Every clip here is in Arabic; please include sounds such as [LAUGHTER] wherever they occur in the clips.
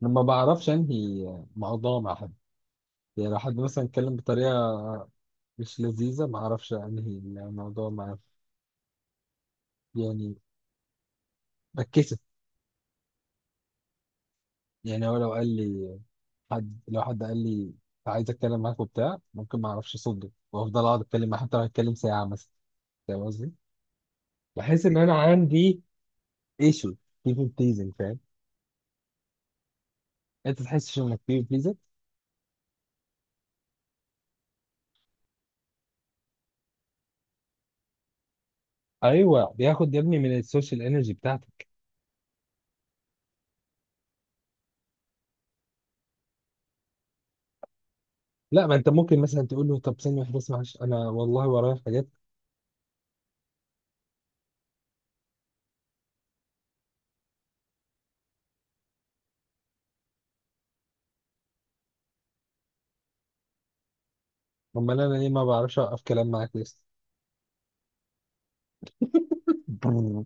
لما بعرفش انهي موضوع مع حد. يعني لو حد مثلا اتكلم بطريقه مش لذيذه، ما اعرفش انهي الموضوع مع، يعني بتكسف. يعني هو لو قال لي حد لو حد قال لي عايز اتكلم معاك وبتاع، ممكن ما اعرفش اصدق وافضل اقعد اتكلم معاه حتى لو هتكلم ساعه مثلا. فاهم قصدي؟ بحس ان انا عندي ايشو، بيبل بليزنج، فاهم؟ انت تحسش انك بيبل بليزنج؟ ايوه، بياخد يا ابني من السوشيال انرجي بتاعتك. لا، ما انت ممكن مثلا تقول له طب ثانيه واحده بس، معلش انا والله ورايا حاجات. امال انا ليه ما بعرفش اوقف كلام معاك لسه؟ بررر.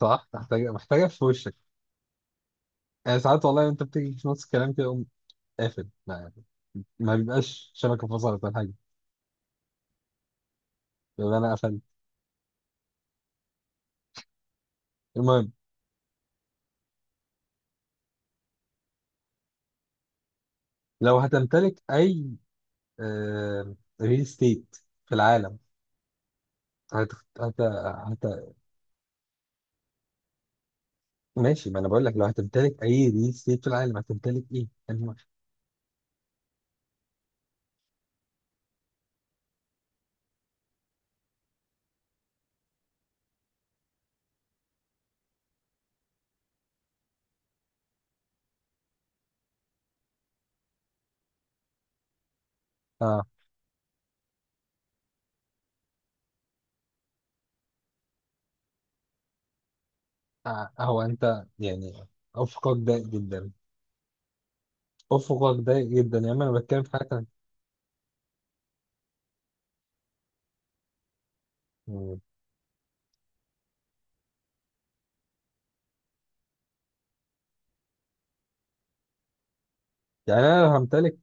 صح، محتاجه في وشك. يعني ساعات والله انت بتيجي في نص الكلام كده اقوم قافل. ما بيبقاش شبكه فصلت ولا حاجه، بيبقى انا قفلت. المهم، لو هتمتلك اي ريل استيت في العالم هت... هت... هت... ماشي، ما انا بقول لك لو هتمتلك اي ريل استيت في العالم هتمتلك ايه؟ آه. آه. هو انت يعني افقك ضيق جدا. افقك ضيق جدا، يا اما انا بتكلم في حاجه تانية. يعني انا لو همتلك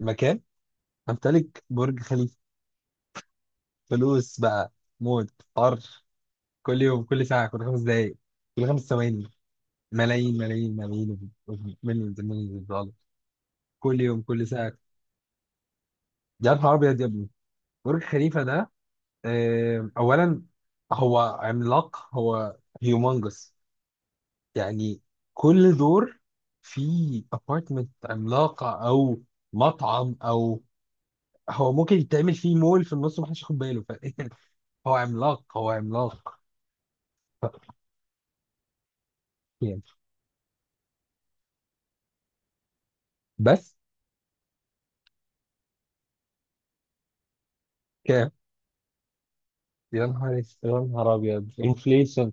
مكان، امتلك برج خليفه. فلوس بقى، موت طرش، كل يوم، كل ساعه، كل 5 دقائق، كل 5 ثواني. ملايين ملايين ملايين، مليون مليون دولار، كل يوم كل ساعه. يا نهار ابيض يا ابني، برج خليفه ده، اولا، هو عملاق. هيومنجس يعني. كل دور فيه ابارتمنت عملاقه، او مطعم، او هو ممكن يتعمل فيه مول في النص ومحدش ياخد باله. [LAUGHS] هو عملاق، هو عملاق. حرفيا. بس. كام؟ يا نهار ابيض، انفليشن!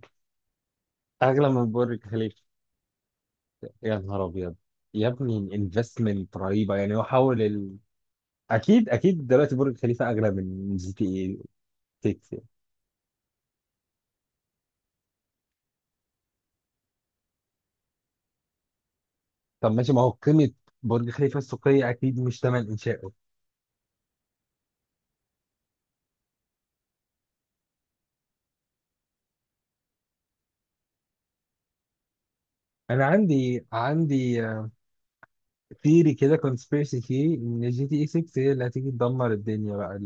اغلى من برج خليفه! يا نهار ابيض يا ابني، انفستمنت رهيبه، يعني هو حاول اكيد اكيد دلوقتي برج خليفه اغلى من جي تي اي 6 يعني. طب ماشي، ما هو قيمه برج خليفه السوقيه اكيد مش ثمن انشائه. انا عندي ثيري كده، كونسبيرسي ثيري، ان جي تي اي 6 هي اللي هتيجي تدمر الدنيا بقى.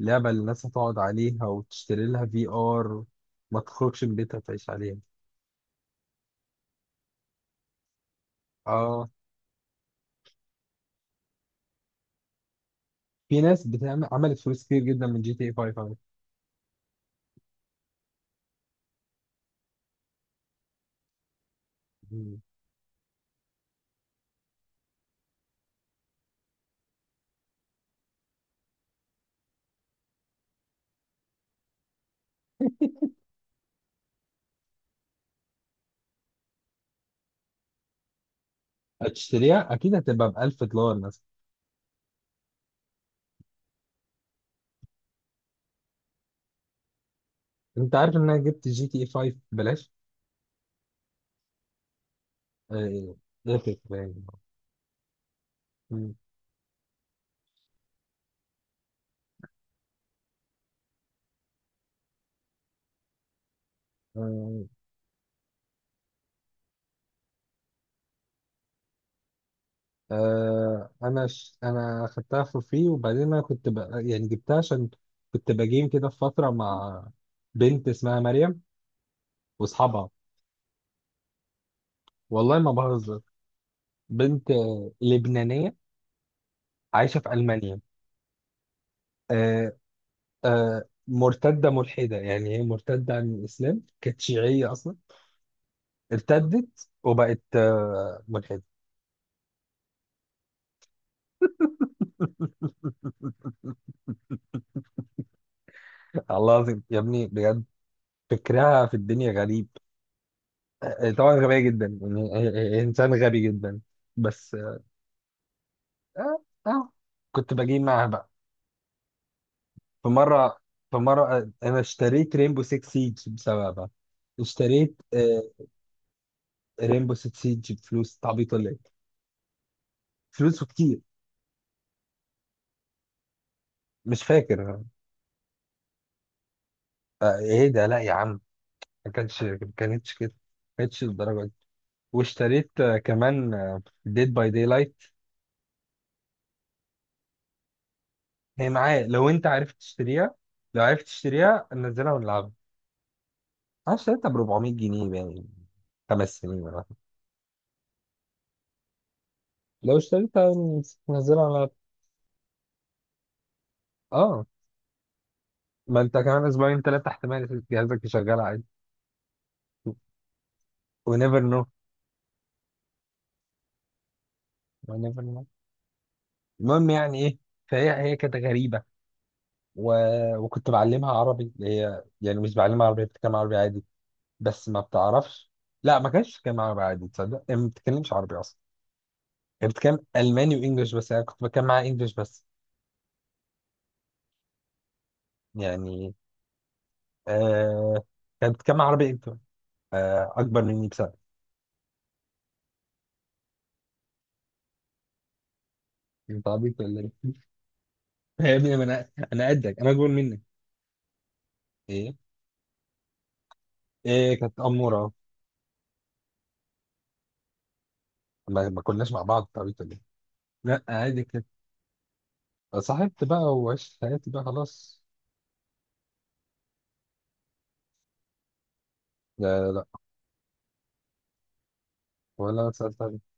اللعبه اللي الناس هتقعد عليها وتشتري لها في ار، ما تخرجش من بيتها، تعيش عليها. اه. في ناس بتعمل، عملت فلوس كتير جدا من جي تي اي 5 على فكرة. مم. هتشتريها اكيد، هتبقى ب $1000 مثلا. انت عارف ان انا جبت جي تي اي 5 ببلاش؟ آه، ايه باين. مم. آه، انا انا خدتها فور فري. وبعدين انا كنت يعني جبتها عشان كنت بجيم كده في فتره مع بنت اسمها مريم واصحابها. والله ما بهزر. بنت لبنانيه، عايشه في المانيا. آه، مرتدة ملحدة. يعني هي مرتدة عن الإسلام، كانت شيعية أصلا، ارتدت وبقت ملحدة. [LAUGHS] الله العظيم يا ابني، بجد فكرها في الدنيا غريب. طبعا غبية جدا، يعني هي إنسان غبي جدا. بس آه آه، كنت بجيب معاها بقى. في مرة في مرة أنا اشتريت رينبو 6 سيج بسببها. اشتريت رينبو 6 سيج بفلوس. تعبيطة ليه فلوس كتير؟ مش فاكر. ايه ده؟ لا يا عم، ما كانتش كده، ما كانتش للدرجه دي. واشتريت كمان ديد باي داي لايت. هي معايا لو انت عارف تشتريها. لو عرفت تشتريها ننزلها ونلعبها. انا اشتريتها ب 400 جنيه يعني، 5 سنين ولا حاجة. لو اشتريتها ننزلها على. اه، ما انت كمان اسبوعين ثلاثه احتمال جهازك يشغل عادي. و never know. و never know. المهم يعني ايه. فهي، هي كانت غريبه، و... وكنت بعلمها عربي. اللي هي يعني مش بعلمها عربي، بتتكلم عربي عادي بس ما بتعرفش. لا، ما كانش بتتكلم عربي عادي، تصدق؟ يعني ما بتتكلمش عربي اصلا. كانت بتتكلم الماني وانجلش، بس انا كنت بتكلم معاها انجلش بس، يعني. آه كانت بتتكلم عربي انت؟ آه، اكبر مني بسنه. انت عبيط ولا ايه؟ [LAUGHS] يا ابني، ما انا، انا قدك، انا اكبر منك. ايه؟ ايه كانت اموره؟ ما كناش مع بعض، انت عبيط ولا ايه؟ لا، عادي كده، صاحبت بقى وعشت حياتي بقى خلاص. لا لا لا. ولا انا سالت عليك.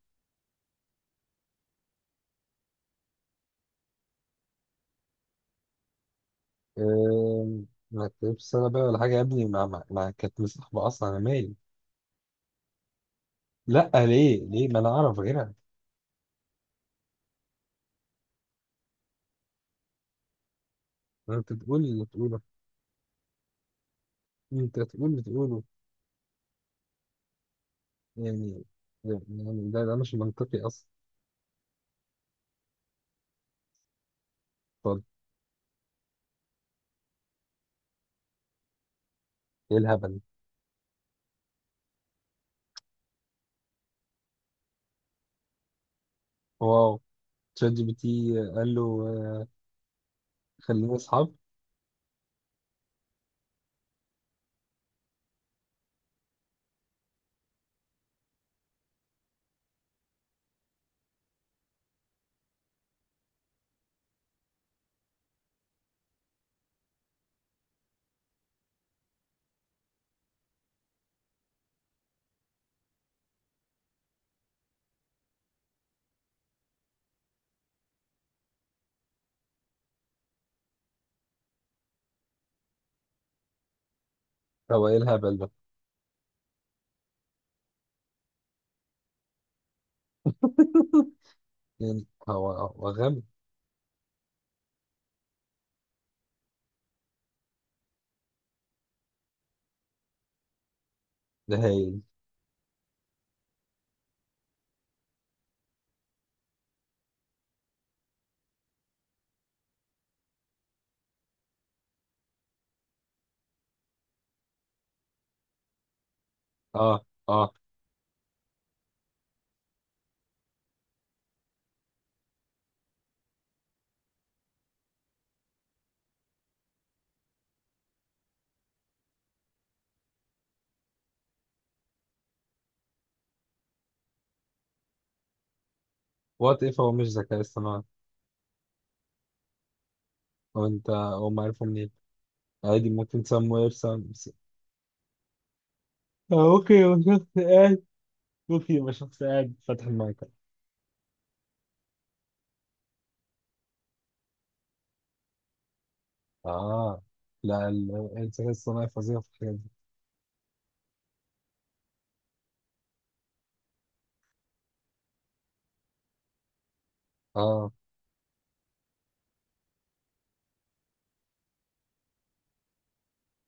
آه، ما كتبتش سنه بقى ولا حاجه يا ابني، ما كانت مصاحبه اصلا، انا مالي. لا، ليه ما انا اعرف غيرها. ما انت تقول اللي تقوله. انت تقول اللي تقوله يعني. يعني ده مش منطقي اصلا. طب، ايه الهبل؟ واو. تشات جي بي تي قال له آه، خلينا اصحاب. هو ايه الهبل ده؟ [LAUGHS] يعني هو، هو غبي. ده هايل. اه اه. وات اف، هو مش ذكاء اصطناعي؟ هو انت، هو ما عارفه منين؟ عادي ممكن سموير سم. آه، اوكي يبقى شخص قاعد. اوكي يبقى شخص قاعد فاتح المايك. اه. لا، الذكاء الصناعي فظيع في الحاجات دي. اه،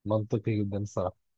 منطقي جدا الصراحة.